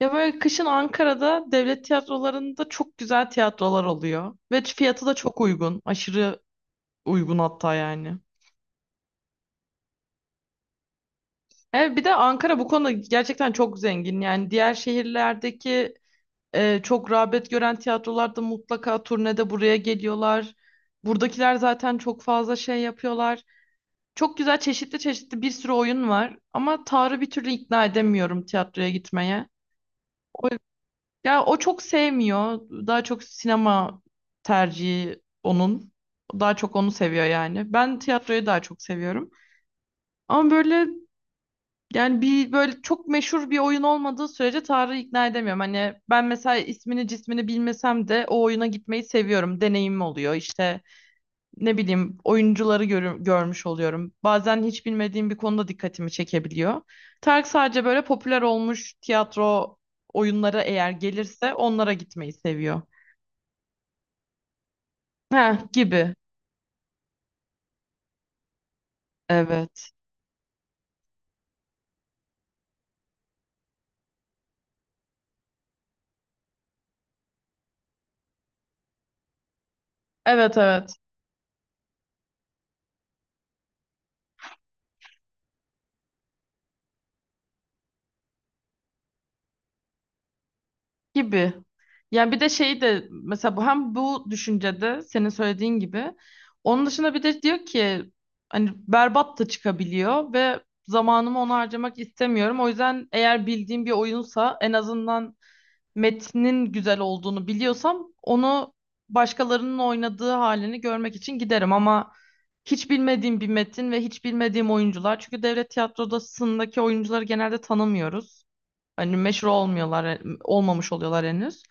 Ya böyle kışın Ankara'da devlet tiyatrolarında çok güzel tiyatrolar oluyor. Ve fiyatı da çok uygun. Aşırı uygun hatta yani. Evet, bir de Ankara bu konuda gerçekten çok zengin. Yani diğer şehirlerdeki çok rağbet gören tiyatrolarda mutlaka turnede buraya geliyorlar. Buradakiler zaten çok fazla şey yapıyorlar. Çok güzel çeşitli çeşitli bir sürü oyun var. Ama Tarık'ı bir türlü ikna edemiyorum tiyatroya gitmeye. Ya o çok sevmiyor. Daha çok sinema tercihi onun. Daha çok onu seviyor yani. Ben tiyatroyu daha çok seviyorum. Ama böyle yani bir böyle çok meşhur bir oyun olmadığı sürece Tarık'ı ikna edemiyorum. Hani ben mesela ismini cismini bilmesem de o oyuna gitmeyi seviyorum. Deneyimim oluyor. İşte ne bileyim oyuncuları görmüş oluyorum. Bazen hiç bilmediğim bir konuda dikkatimi çekebiliyor. Tarık sadece böyle popüler olmuş tiyatro oyunlara eğer gelirse onlara gitmeyi seviyor. Ha gibi. Evet. Evet evet. Gibi. Yani bir de şeyi de mesela bu hem bu düşüncede senin söylediğin gibi onun dışında bir de diyor ki hani berbat da çıkabiliyor ve zamanımı ona harcamak istemiyorum. O yüzden eğer bildiğim bir oyunsa en azından metnin güzel olduğunu biliyorsam onu başkalarının oynadığı halini görmek için giderim ama hiç bilmediğim bir metin ve hiç bilmediğim oyuncular çünkü devlet tiyatrosundaki oyuncuları genelde tanımıyoruz. Hani meşhur olmuyorlar, olmamış oluyorlar henüz.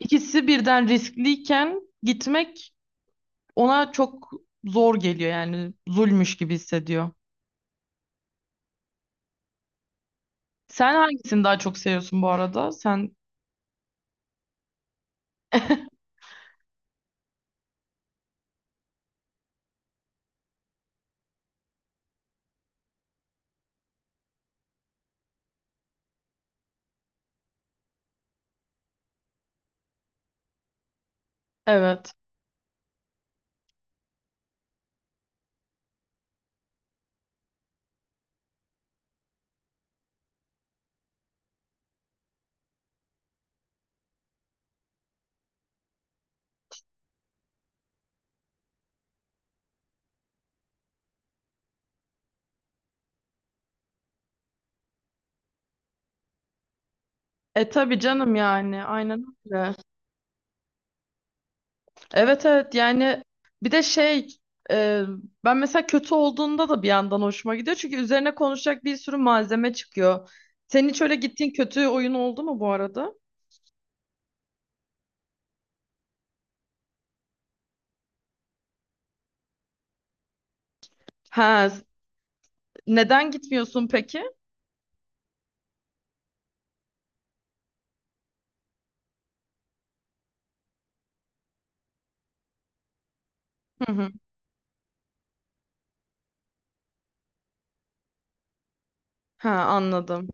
İkisi birden riskliyken gitmek ona çok zor geliyor yani zulmüş gibi hissediyor. Sen hangisini daha çok seviyorsun bu arada? Sen evet. E tabii canım yani aynen öyle. Evet evet yani bir de e, ben mesela kötü olduğunda da bir yandan hoşuma gidiyor. Çünkü üzerine konuşacak bir sürü malzeme çıkıyor. Senin hiç öyle gittiğin kötü oyun oldu mu bu arada? Ha, neden gitmiyorsun peki? Hı hı. Ha anladım.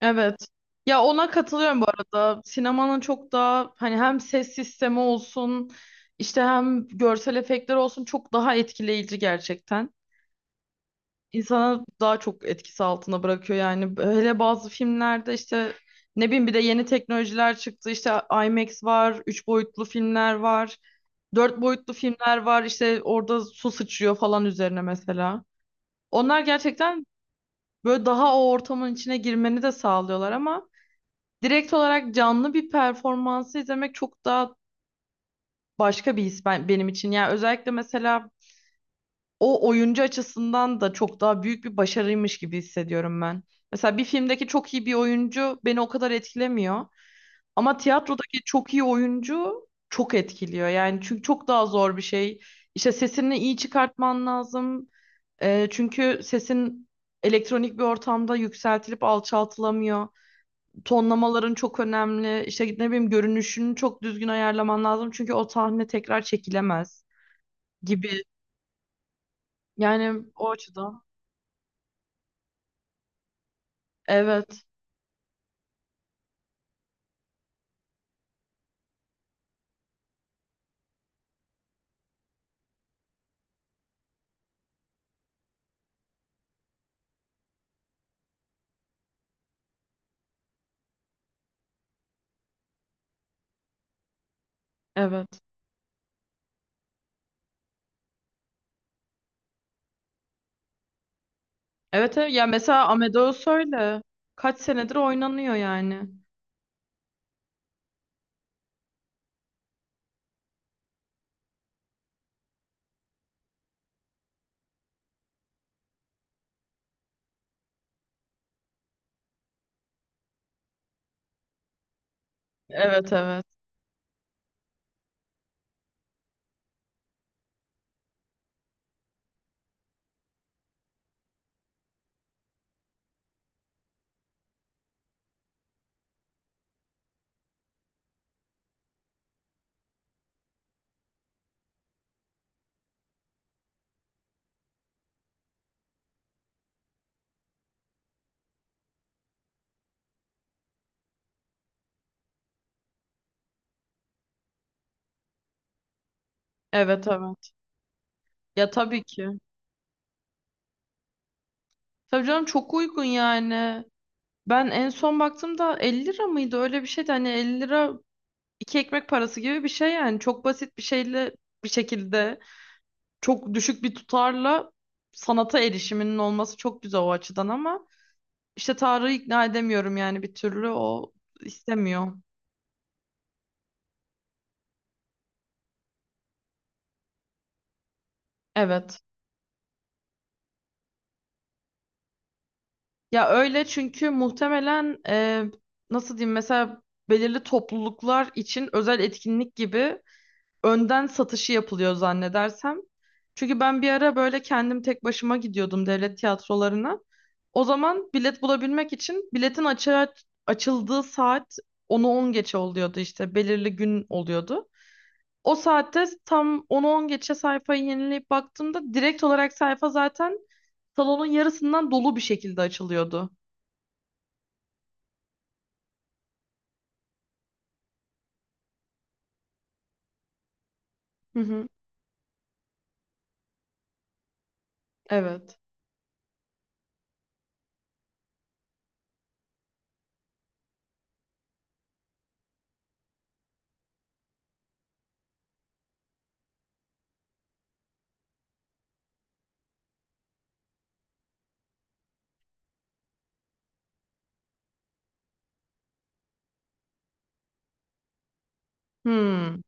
Evet. Ya ona katılıyorum bu arada. Sinemanın çok daha hani hem ses sistemi olsun işte hem görsel efektler olsun çok daha etkileyici gerçekten. İnsana daha çok etkisi altına bırakıyor yani. Hele bazı filmlerde işte ne bileyim bir de yeni teknolojiler çıktı. İşte IMAX var, üç boyutlu filmler var, dört boyutlu filmler var. İşte orada su sıçrıyor falan üzerine mesela. Onlar gerçekten böyle daha o ortamın içine girmeni de sağlıyorlar ama direkt olarak canlı bir performansı izlemek çok daha başka bir his benim için. Yani özellikle mesela o oyuncu açısından da çok daha büyük bir başarıymış gibi hissediyorum ben. Mesela bir filmdeki çok iyi bir oyuncu beni o kadar etkilemiyor. Ama tiyatrodaki çok iyi oyuncu çok etkiliyor. Yani çünkü çok daha zor bir şey. İşte sesini iyi çıkartman lazım. Çünkü sesin elektronik bir ortamda yükseltilip alçaltılamıyor. Tonlamaların çok önemli. İşte ne bileyim görünüşünü çok düzgün ayarlaman lazım. Çünkü o sahne tekrar çekilemez gibi. Yani o açıdan. Evet. Evet. Evet, evet. Ya mesela Amadeus öyle. Kaç senedir oynanıyor yani. Evet evet. Evet evet. Ya tabii ki. Tabii canım çok uygun yani. Ben en son baktığımda 50 lira mıydı? Öyle bir şeydi. Hani 50 lira iki ekmek parası gibi bir şey yani. Çok basit bir şeyle bir şekilde çok düşük bir tutarla sanata erişiminin olması çok güzel o açıdan ama işte Tarık'ı ikna edemiyorum yani bir türlü o istemiyor. Evet. Ya öyle çünkü muhtemelen nasıl diyeyim mesela belirli topluluklar için özel etkinlik gibi önden satışı yapılıyor zannedersem. Çünkü ben bir ara böyle kendim tek başıma gidiyordum devlet tiyatrolarına. O zaman bilet bulabilmek için biletin açığa açıldığı saat onu 10 geçe oluyordu işte belirli gün oluyordu. O saatte tam onu 10 geçe sayfayı yenileyip baktığımda direkt olarak sayfa zaten salonun yarısından dolu bir şekilde açılıyordu. Hı hı. Evet. Hmm.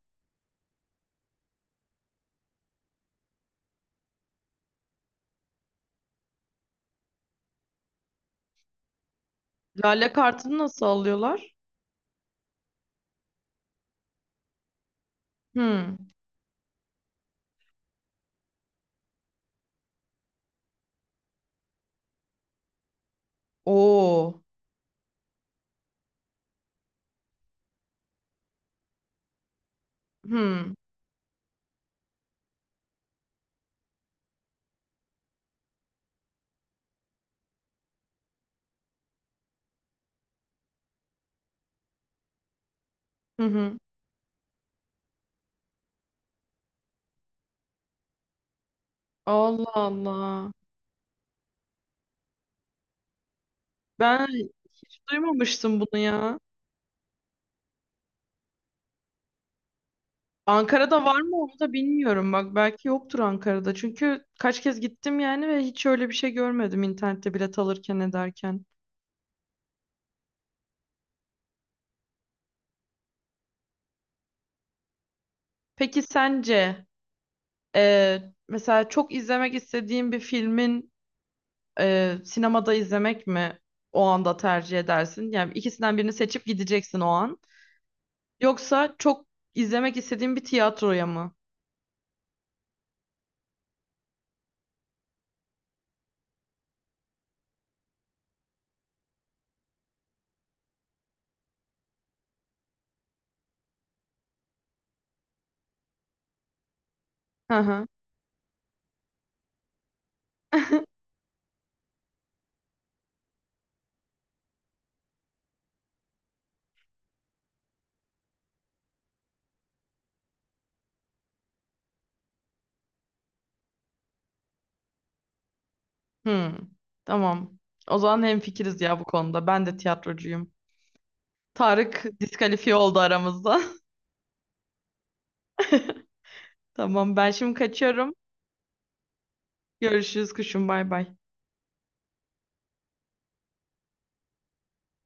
Lale kartını nasıl alıyorlar? Hmm. Oo. Hmm. Hı hı. Allah Allah. Ben hiç duymamıştım bunu ya. Ankara'da var mı onu da bilmiyorum. Bak belki yoktur Ankara'da. Çünkü kaç kez gittim yani ve hiç öyle bir şey görmedim internette bilet alırken ederken. Peki sence e, mesela çok izlemek istediğin bir filmin sinemada izlemek mi o anda tercih edersin? Yani ikisinden birini seçip gideceksin o an. Yoksa çok izlemek istediğin bir tiyatroya mı? Hı hı. Hmm, tamam. O zaman hemfikiriz ya bu konuda. Ben de tiyatrocuyum. Tarık diskalifiye oldu aramızda. Tamam ben şimdi kaçıyorum. Görüşürüz kuşum bay bay.